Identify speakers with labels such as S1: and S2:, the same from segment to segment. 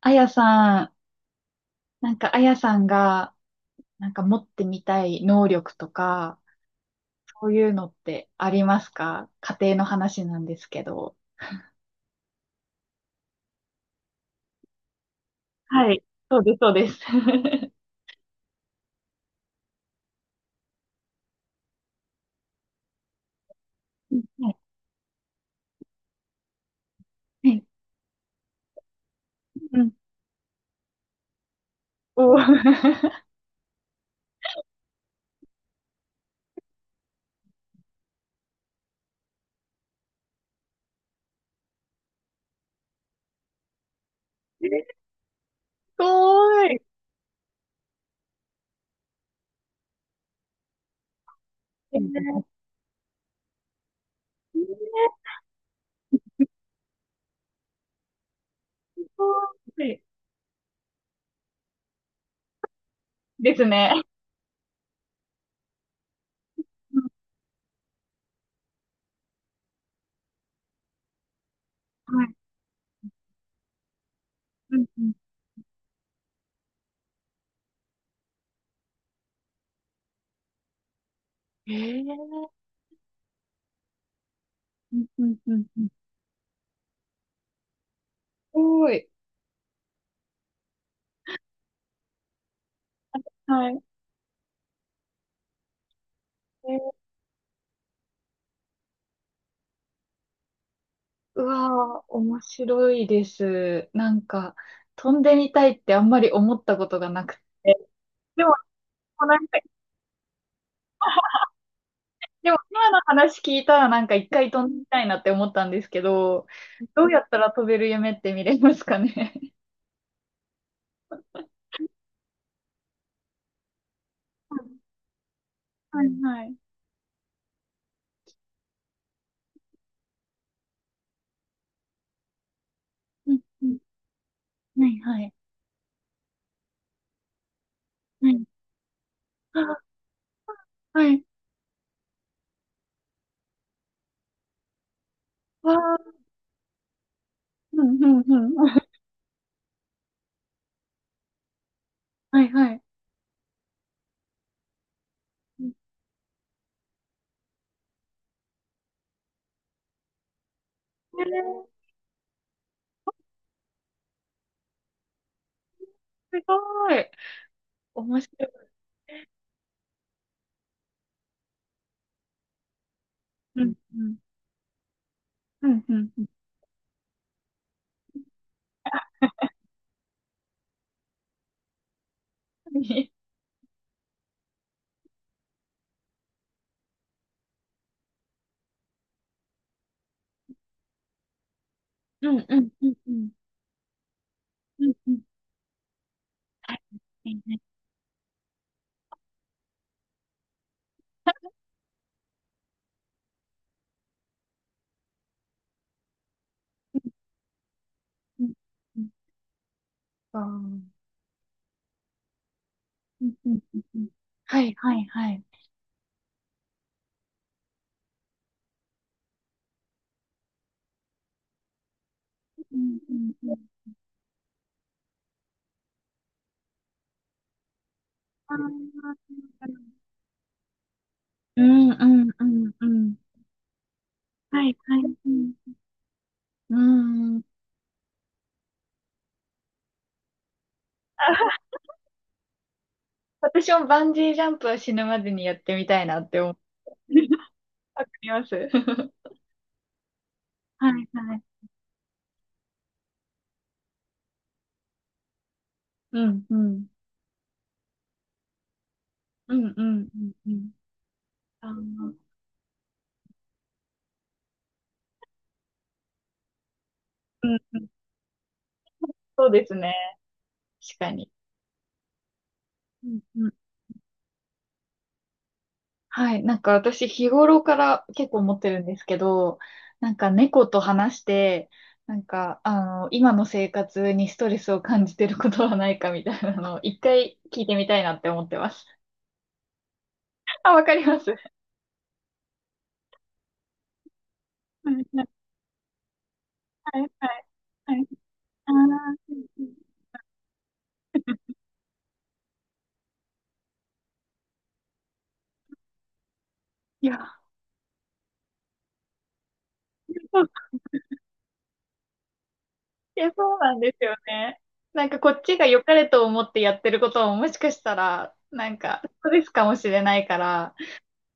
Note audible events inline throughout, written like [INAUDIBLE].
S1: あやさん、なんかあやさんが、なんか持ってみたい能力とか、そういうのってありますか？家庭の話なんですけど。はい。そうです、そうです。[LAUGHS] うん、はいはい、うん、おー。 [LAUGHS] すごい。えー、えー、すごいですね。うん、はい。うんうん、えー、うんうんうんうん、すごい。はい。うわー、面白いです。なんか、飛んでみたいってあんまり思ったことがなくて。でも、なんか、でも今の話聞いたらなんか一回飛んでみたいなって思ったんですけど、どうやったら飛べる夢って見れますかね？ [LAUGHS] はいはい。うんうん。はいはい。はい。あ、はい。わい、うんうんうん。はいはい。えー、すごい。面白い。うんうん。うんうんうん。うんうんうんうん。うんうん。はい。うんうん、あー、うんうんうんうん、はいはいはい。うんうんうん。あー、うんうんうんうん。はいはい。うんうん。私もバンジージャンプは死ぬまでにやってみたいなって思う。[LAUGHS] わかります。[LAUGHS] はいはい。うんうん。うんうんうんうん。あー、うんうん、そうですね。確かに。うんうん、はい。なんか私日頃から結構思ってるんですけど、なんか猫と話して、なんか、あの、今の生活にストレスを感じてることはないかみたいなのを一回聞いてみたいなって思ってます。[LAUGHS] あ、わかります。[LAUGHS] はいはいはいはいはい。あー、うんうん、いや。[LAUGHS] そういや、そうなんですよね。なんかこっちが良かれと思ってやってることももしかしたら、なんか、ストレスかもしれないから、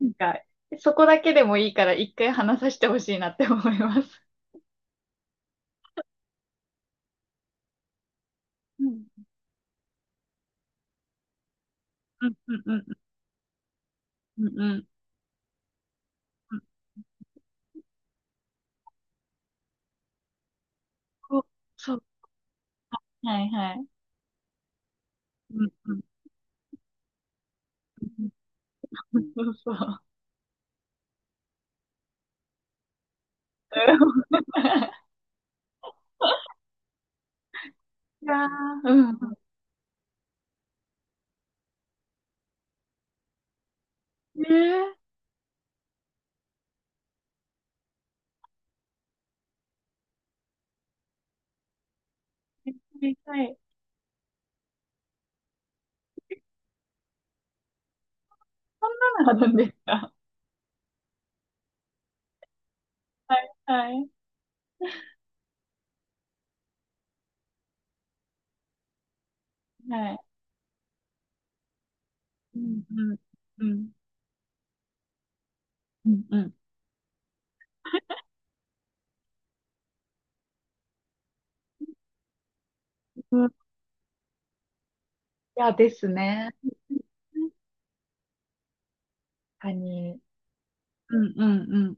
S1: なんか、そこだけでもいいから一回話させてほしいなって思います。うん。うんうんうんうん、うんうん。こう、そう。はいはい。うんうんうん、うそうそう。うん、いやー、うん。ええー、見たい。そうなんですか。はいはい。はい。うんうんうんうん、うん。うん、いやですね。確かに。うんうんうん。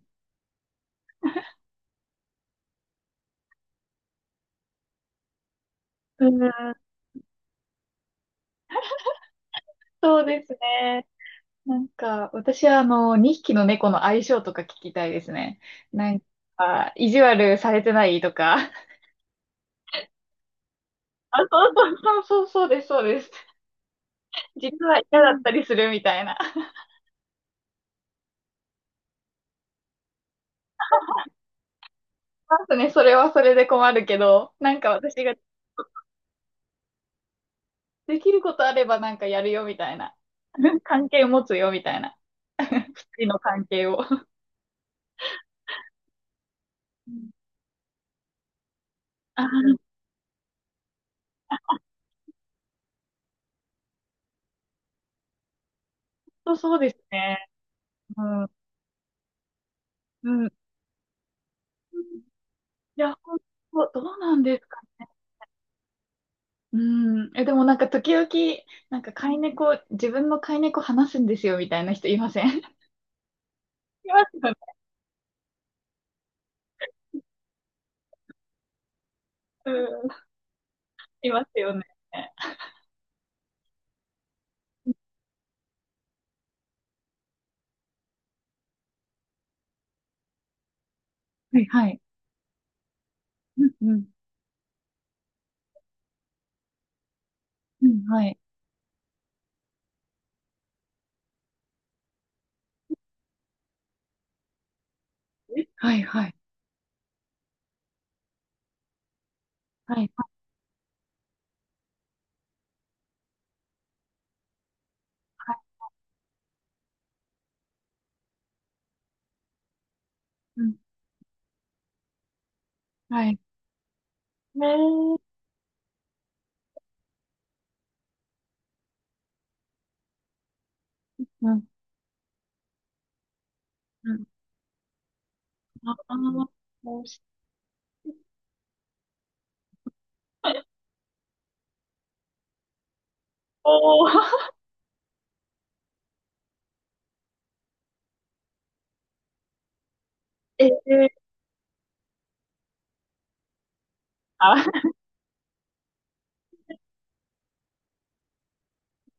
S1: うん、そうですね。なんか、私はあの、2匹の猫の相性とか聞きたいですね。なんか、意地悪されてないとか。[LAUGHS] あ、そうそうそうそう、そうです、そうです。実は嫌だったりするみたいな。まずね、それはそれで困るけど、なんか私ができることあればなんかやるよみたいな。関係持つよみたいな。不利の関係を。うん、あ、本当そうですね。うん。うん。いや、本当、どうなんです、うん。え、でもなんか時々、なんか飼い猫、自分の飼い猫話すんですよみたいな人いません？ [LAUGHS] いますよね。うん、いますよね。はいはい。うんうん。うん、はい。はいはい。はい。はい。うん。はい。ねえ。うん。うん。ああ、もうし、おー。[LAUGHS] ええ、あ、す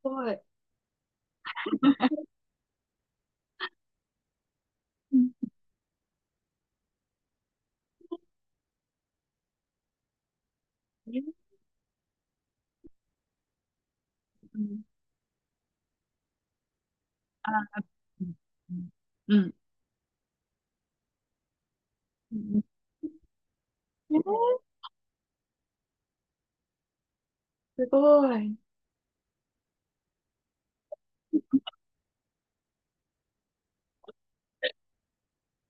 S1: ごい。うん。え、うん。あ、うん。うん。うん。うん、えー、すごい。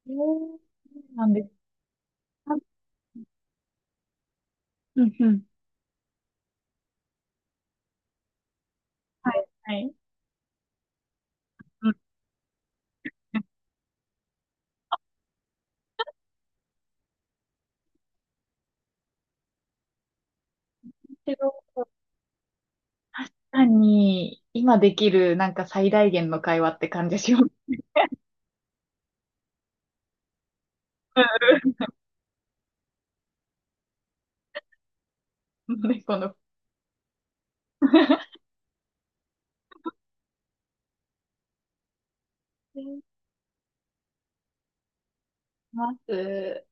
S1: えー、なんですか。うんうん。はい、はい。けど、単に、今できる、なんか最大限の会話って感じします。[LAUGHS] 猫の。します。